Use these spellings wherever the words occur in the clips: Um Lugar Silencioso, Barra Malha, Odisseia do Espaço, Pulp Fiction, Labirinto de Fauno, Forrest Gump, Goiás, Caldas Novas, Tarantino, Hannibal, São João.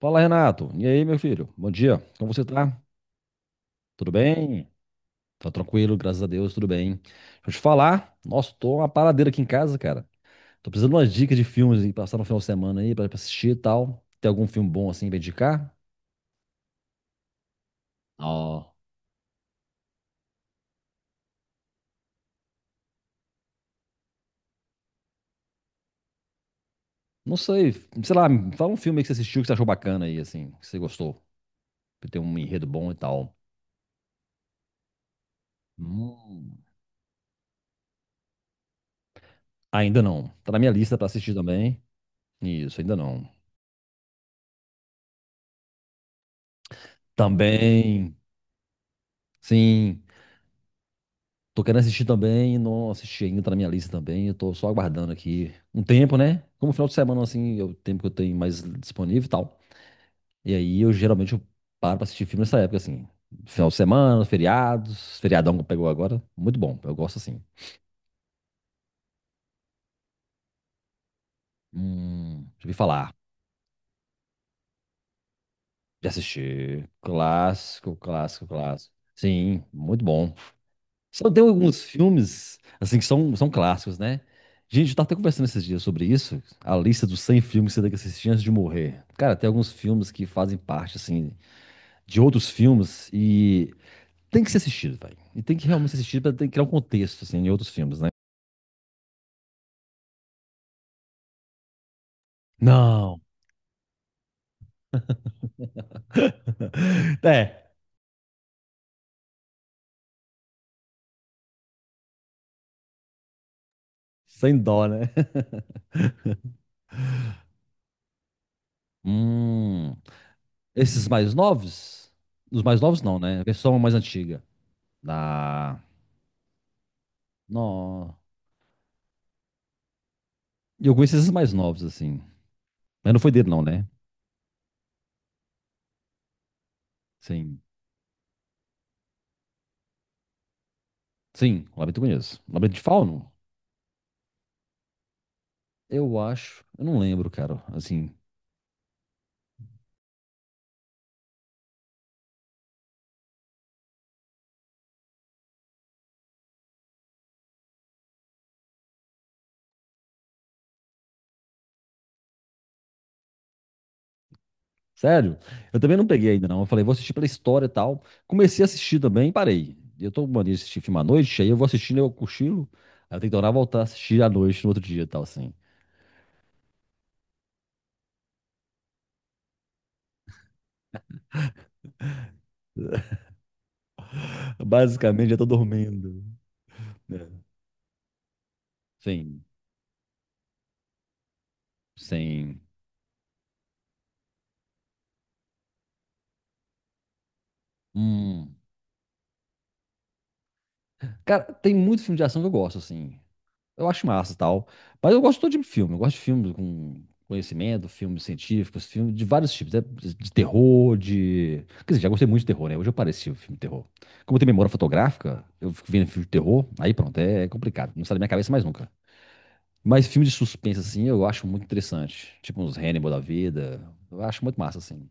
Fala, Renato. E aí, meu filho? Bom dia. Como você tá? Tudo bem? Tá tranquilo, graças a Deus, tudo bem. Deixa eu te falar. Nossa, tô uma paradeira aqui em casa, cara. Tô precisando de umas dicas de filmes aí, passar no final de semana aí pra assistir e tal. Tem algum filme bom assim pra indicar? Ó. Não sei. Sei lá, me fala um filme aí que você assistiu que você achou bacana aí, assim, que você gostou. Que tem um enredo bom e tal. Hum. Ainda não. Tá na minha lista pra assistir também. Isso, ainda não. Também. Sim. Tô querendo assistir também, não assisti ainda, tá na minha lista também. Eu tô só aguardando aqui um tempo, né? Como final de semana, assim, é o tempo que eu tenho mais disponível e tal. E aí eu geralmente eu paro pra assistir filme nessa época, assim. Final de semana, feriados, feriadão que pegou agora. Muito bom, eu gosto assim. Já ouvi falar. Já assisti. Clássico, clássico, clássico. Sim, muito bom. Só tem alguns filmes, assim, que são clássicos, né? Gente, eu tava até conversando esses dias sobre isso, a lista dos 100 filmes que você tem que assistir antes de morrer. Cara, tem alguns filmes que fazem parte, assim, de outros filmes e tem que ser assistido, velho. E tem que realmente ser assistido pra criar um contexto, assim, em outros filmes, né? Não. É, sem dó, né? Hum, esses mais novos? Os mais novos não, né? A versão mais antiga da... Não. E eu conheço esses mais novos, assim. Mas não foi dele, não, né? Sim. Sim, o Labirinto eu conheço. O Labirinto de Fauno? Eu acho. Eu não lembro, cara. Assim, sério. Eu também não peguei ainda, não. Eu falei, vou assistir pela história e tal. Comecei a assistir também e parei. Eu tô com mania de assistir filme à noite, aí eu vou assistindo, eu cochilo. Aí eu tenho que tornar a voltar a assistir à noite no outro dia e tal, assim. Basicamente, já tô dormindo. É. Sim, sim. Hum. Cara, tem muito filme de ação que eu gosto, assim. Eu acho massa e tal. Mas eu gosto de todo tipo de filme. Eu gosto de filmes com conhecimento, filmes científicos, filmes de vários tipos. Né? De terror, de. Quer dizer, já gostei muito de terror, né? Hoje eu pareci o filme de terror. Como eu tenho memória fotográfica, eu fico vendo filme de terror, aí pronto, é complicado. Não sai da minha cabeça mais nunca. Mas filme de suspense, assim, eu acho muito interessante. Tipo uns Hannibal da vida. Eu acho muito massa, assim.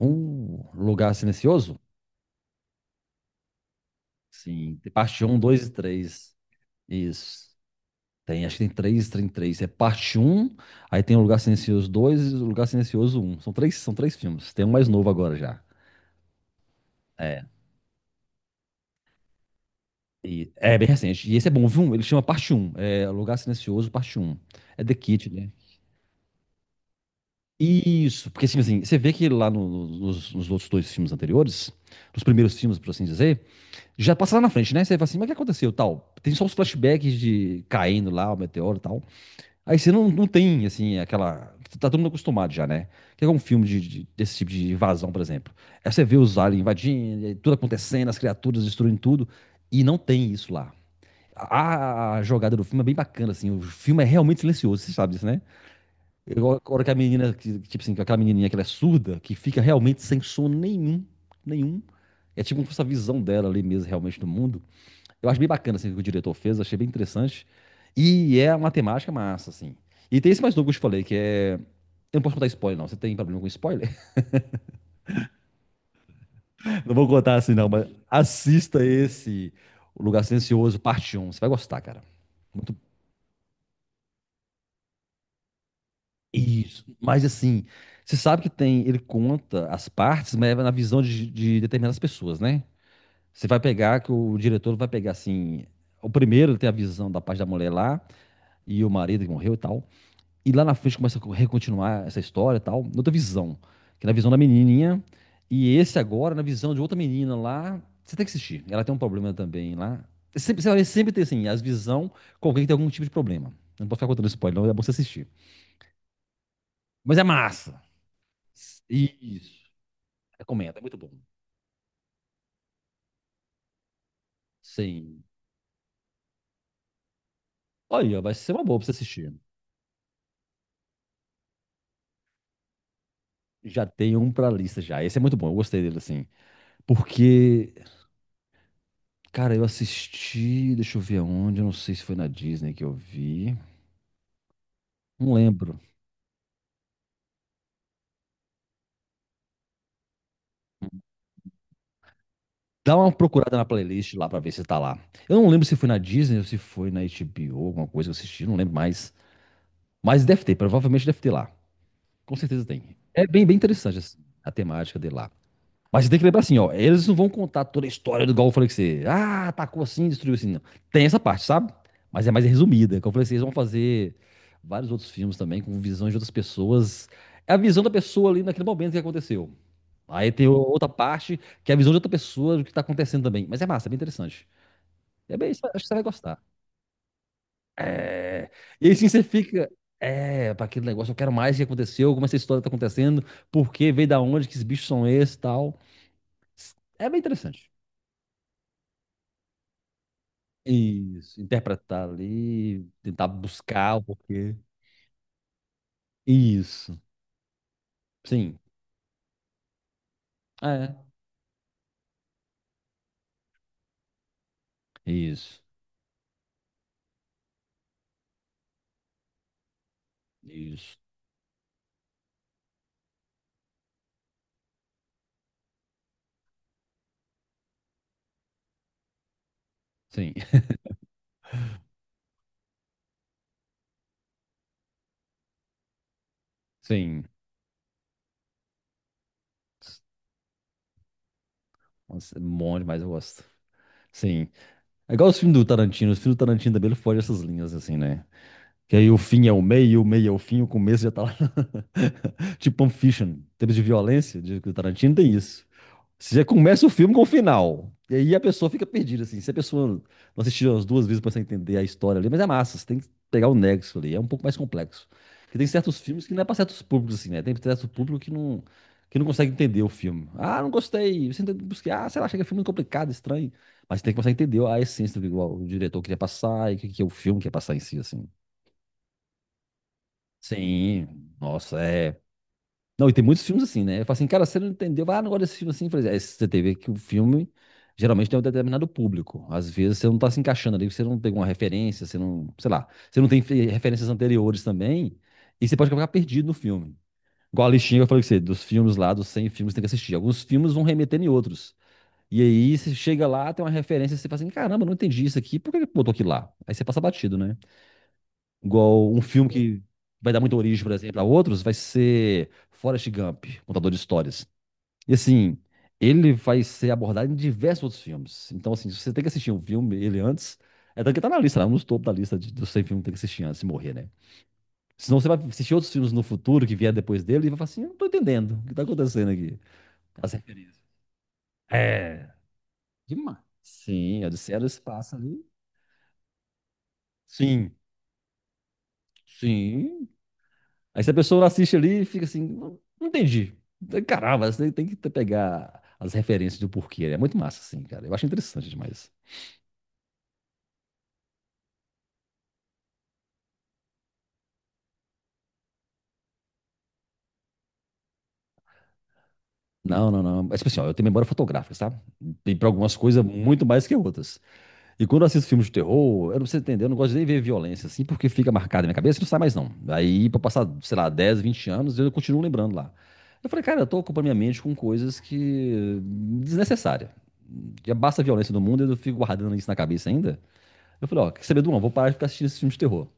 Um lugar silencioso? Sim. Parte um, 2 e três. Isso. Tem, acho que tem três, tem três. É parte um, aí tem o Lugar Silencioso dois e o Lugar Silencioso um. São três filmes. Tem um mais novo agora já. É, é bem recente. E esse é bom, viu? Ele chama parte um, é Lugar Silencioso, parte um, é The Kid, né? Isso, porque assim, assim, você vê que lá nos outros dois filmes anteriores, nos primeiros filmes, por assim dizer, já passa lá na frente, né? Você fala assim, mas o que aconteceu, tal? Tem só os flashbacks de caindo lá, o meteoro e tal. Aí você não, não tem, assim, aquela. Tá todo mundo acostumado já, né? Que é um filme desse tipo de invasão, por exemplo? Aí você vê os aliens invadindo, e tudo acontecendo, as criaturas destruindo tudo, e não tem isso lá. A jogada do filme é bem bacana, assim. O filme é realmente silencioso, você sabe disso, né? Igual a hora que a menina, tipo assim, aquela menininha que ela é surda, que fica realmente sem som nenhum, nenhum. É tipo essa visão dela ali mesmo, realmente, do mundo. Eu acho bem bacana assim, o que o diretor fez, achei bem interessante. E é uma temática massa, assim. E tem esse mais novo que eu te falei, que é. Eu não posso contar spoiler, não. Você tem problema com spoiler? Não vou contar assim, não, mas assista esse O Lugar Silencioso, parte um. Você vai gostar, cara. Muito. Isso. Mas assim, você sabe que tem. Ele conta as partes, mas é na visão de determinadas pessoas, né? Você vai pegar que o diretor vai pegar assim. O primeiro ele tem a visão da parte da mulher lá, e o marido que morreu e tal. E lá na frente começa a recontinuar essa história e tal, outra visão. Que é na visão da menininha. E esse agora, na visão de outra menina lá. Você tem que assistir. Ela tem um problema também lá. Sempre, sempre, sempre tem, assim, as visão com alguém que tem algum tipo de problema. Eu não posso ficar contando spoiler, não. É bom você assistir. Mas é massa. Isso. Recomendo. É muito bom. Sim. Olha, vai ser uma boa pra você assistir. Já tem um pra lista já. Esse é muito bom. Eu gostei dele, assim. Porque, cara, eu assisti. Deixa eu ver aonde. Eu não sei se foi na Disney que eu vi. Não lembro. Dá uma procurada na playlist lá pra ver se tá lá. Eu não lembro se foi na Disney ou se foi na HBO, alguma coisa que eu assisti, não lembro mais. Mas deve ter, provavelmente deve ter lá. Com certeza tem. É bem, bem interessante assim, a temática dele lá. Mas você tem que lembrar assim, ó, eles não vão contar toda a história do igual eu falei que você, ah, atacou assim, destruiu assim, não. Tem essa parte, sabe? Mas é mais resumida. Como eu falei, vocês vão fazer vários outros filmes também com visões de outras pessoas. É a visão da pessoa ali naquele momento que aconteceu. Aí tem outra parte, que é a visão de outra pessoa do que tá acontecendo também. Mas é massa, é bem interessante. É bem, acho que você vai gostar. É. E aí sim você fica. É, para aquele negócio, eu quero mais o que aconteceu, como essa história tá acontecendo, por que veio da onde, que esses bichos são esses e tal. É bem interessante. Isso, interpretar ali, tentar buscar o porquê. Isso, sim. É. Isso, isso. Sim, sim. Nossa, é bom demais, eu gosto. Sim. É igual os filmes do Tarantino. Os filmes do Tarantino também ele foge dessas linhas, assim, né? Que aí o fim é o meio é o fim, o começo já tá lá. Tipo Pulp Fiction, em termos de violência, de do Tarantino, tem isso. Você já começa o filme com o final. E aí a pessoa fica perdida, assim. Se a pessoa não assistiu as duas vezes pra você entender a história ali, mas é massa, você tem que pegar o nexo ali, é um pouco mais complexo. Porque tem certos filmes que não é pra certos públicos, assim, né? Tem certo público que não consegue entender o filme. Ah, não gostei. Você tenta buscar, ah, sei lá, achei que é filme complicado, estranho. Mas você tem que começar a entender a essência do que o diretor queria passar e o que, que é o filme quer passar em si, assim. Sim, nossa, é não, e tem muitos filmes assim, né? Eu falo assim, cara, você não entendeu, ah, não gosto desse filme assim. Eu falei, é, você tem que ver que o filme geralmente tem um determinado público. Às vezes você não tá se encaixando ali, você não tem uma referência, você não, sei lá, você não tem referências anteriores também, e você pode acabar perdido no filme. Igual a listinha que eu falei com você, dos filmes lá, dos 100 filmes que você tem que assistir. Alguns filmes vão remeter em outros. E aí você chega lá, tem uma referência, você fala assim, caramba, não entendi isso aqui, por que que botou aquilo lá? Aí você passa batido, né? Igual um filme que vai dar muita origem, por exemplo, a outros, vai ser Forrest Gump, contador de histórias. E assim, ele vai ser abordado em diversos outros filmes. Então, assim, você tem que assistir um filme, ele antes. É tanto que tá na lista, lá, nos topo da lista de, dos 100 filmes que tem que assistir antes de morrer, né? Senão você vai assistir outros filmes no futuro que vier depois dele e vai falar assim: eu não tô entendendo o que tá acontecendo aqui. As referências. É. Demais. Sim, a Odisseia do Espaço ali. Sim, sim. Aí se a pessoa assiste ali e fica assim, não, não entendi. Caramba, você tem que pegar as referências do porquê. É muito massa, assim, cara. Eu acho interessante demais. Não, não, não. Mas, tipo assim, ó, eu tenho memória fotográfica, sabe? Tem pra algumas coisas muito mais que outras. E quando eu assisto filmes de terror, eu não sei entender, eu não gosto nem de ver violência, assim, porque fica marcado na minha cabeça e não sai mais, não. Aí, pra passar, sei lá, 10, 20 anos, eu continuo lembrando lá. Eu falei, cara, eu tô ocupando minha mente com coisas que... desnecessárias. Já basta a violência do mundo e eu fico guardando isso na cabeça ainda. Eu falei, ó, quer saber, de Duão? Vou parar de ficar assistindo esses filmes de terror.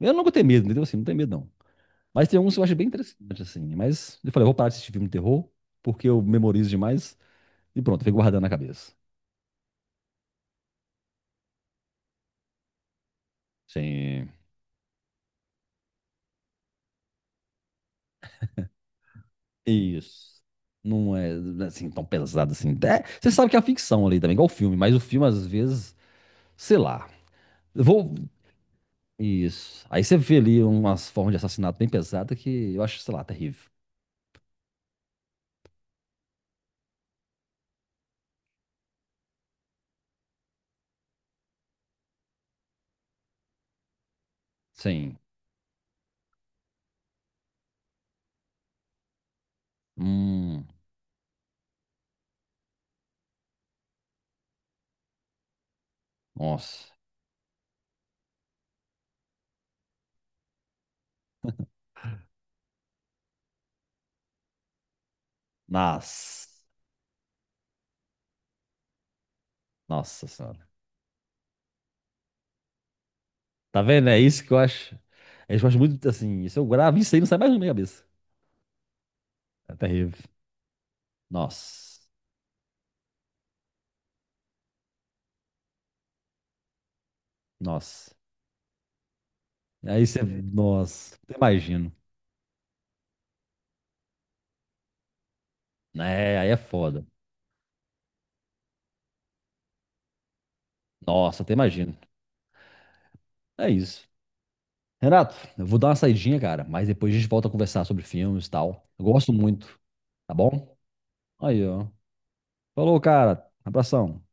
Eu não vou ter medo, entendeu? Assim, não tenho medo, não. Mas tem alguns que eu acho bem interessante, assim. Mas eu falei, eu vou parar de assistir filme de terror, porque eu memorizo demais. E pronto, eu fico guardando na cabeça. Sim. Isso. Não é, assim, tão pesado assim. É, você sabe que é a ficção ali também, igual o filme. Mas o filme, às vezes, sei lá. Eu vou... Isso. Aí você vê ali umas formas de assassinato bem pesada que eu acho, sei lá, terrível. Sim. Hum, nossa. Nas. Nossa senhora. Tá vendo? É isso que eu acho. É isso que eu acho muito assim. Se eu gravo isso aí, não sai mais na minha cabeça. É terrível. Nossa. Nossa. Aí você. Nossa. Até imagino. É, aí é foda. Nossa, até imagino. É isso. Renato, eu vou dar uma saidinha, cara. Mas depois a gente volta a conversar sobre filmes e tal. Eu gosto muito. Tá bom? Aí, ó. Falou, cara. Abração.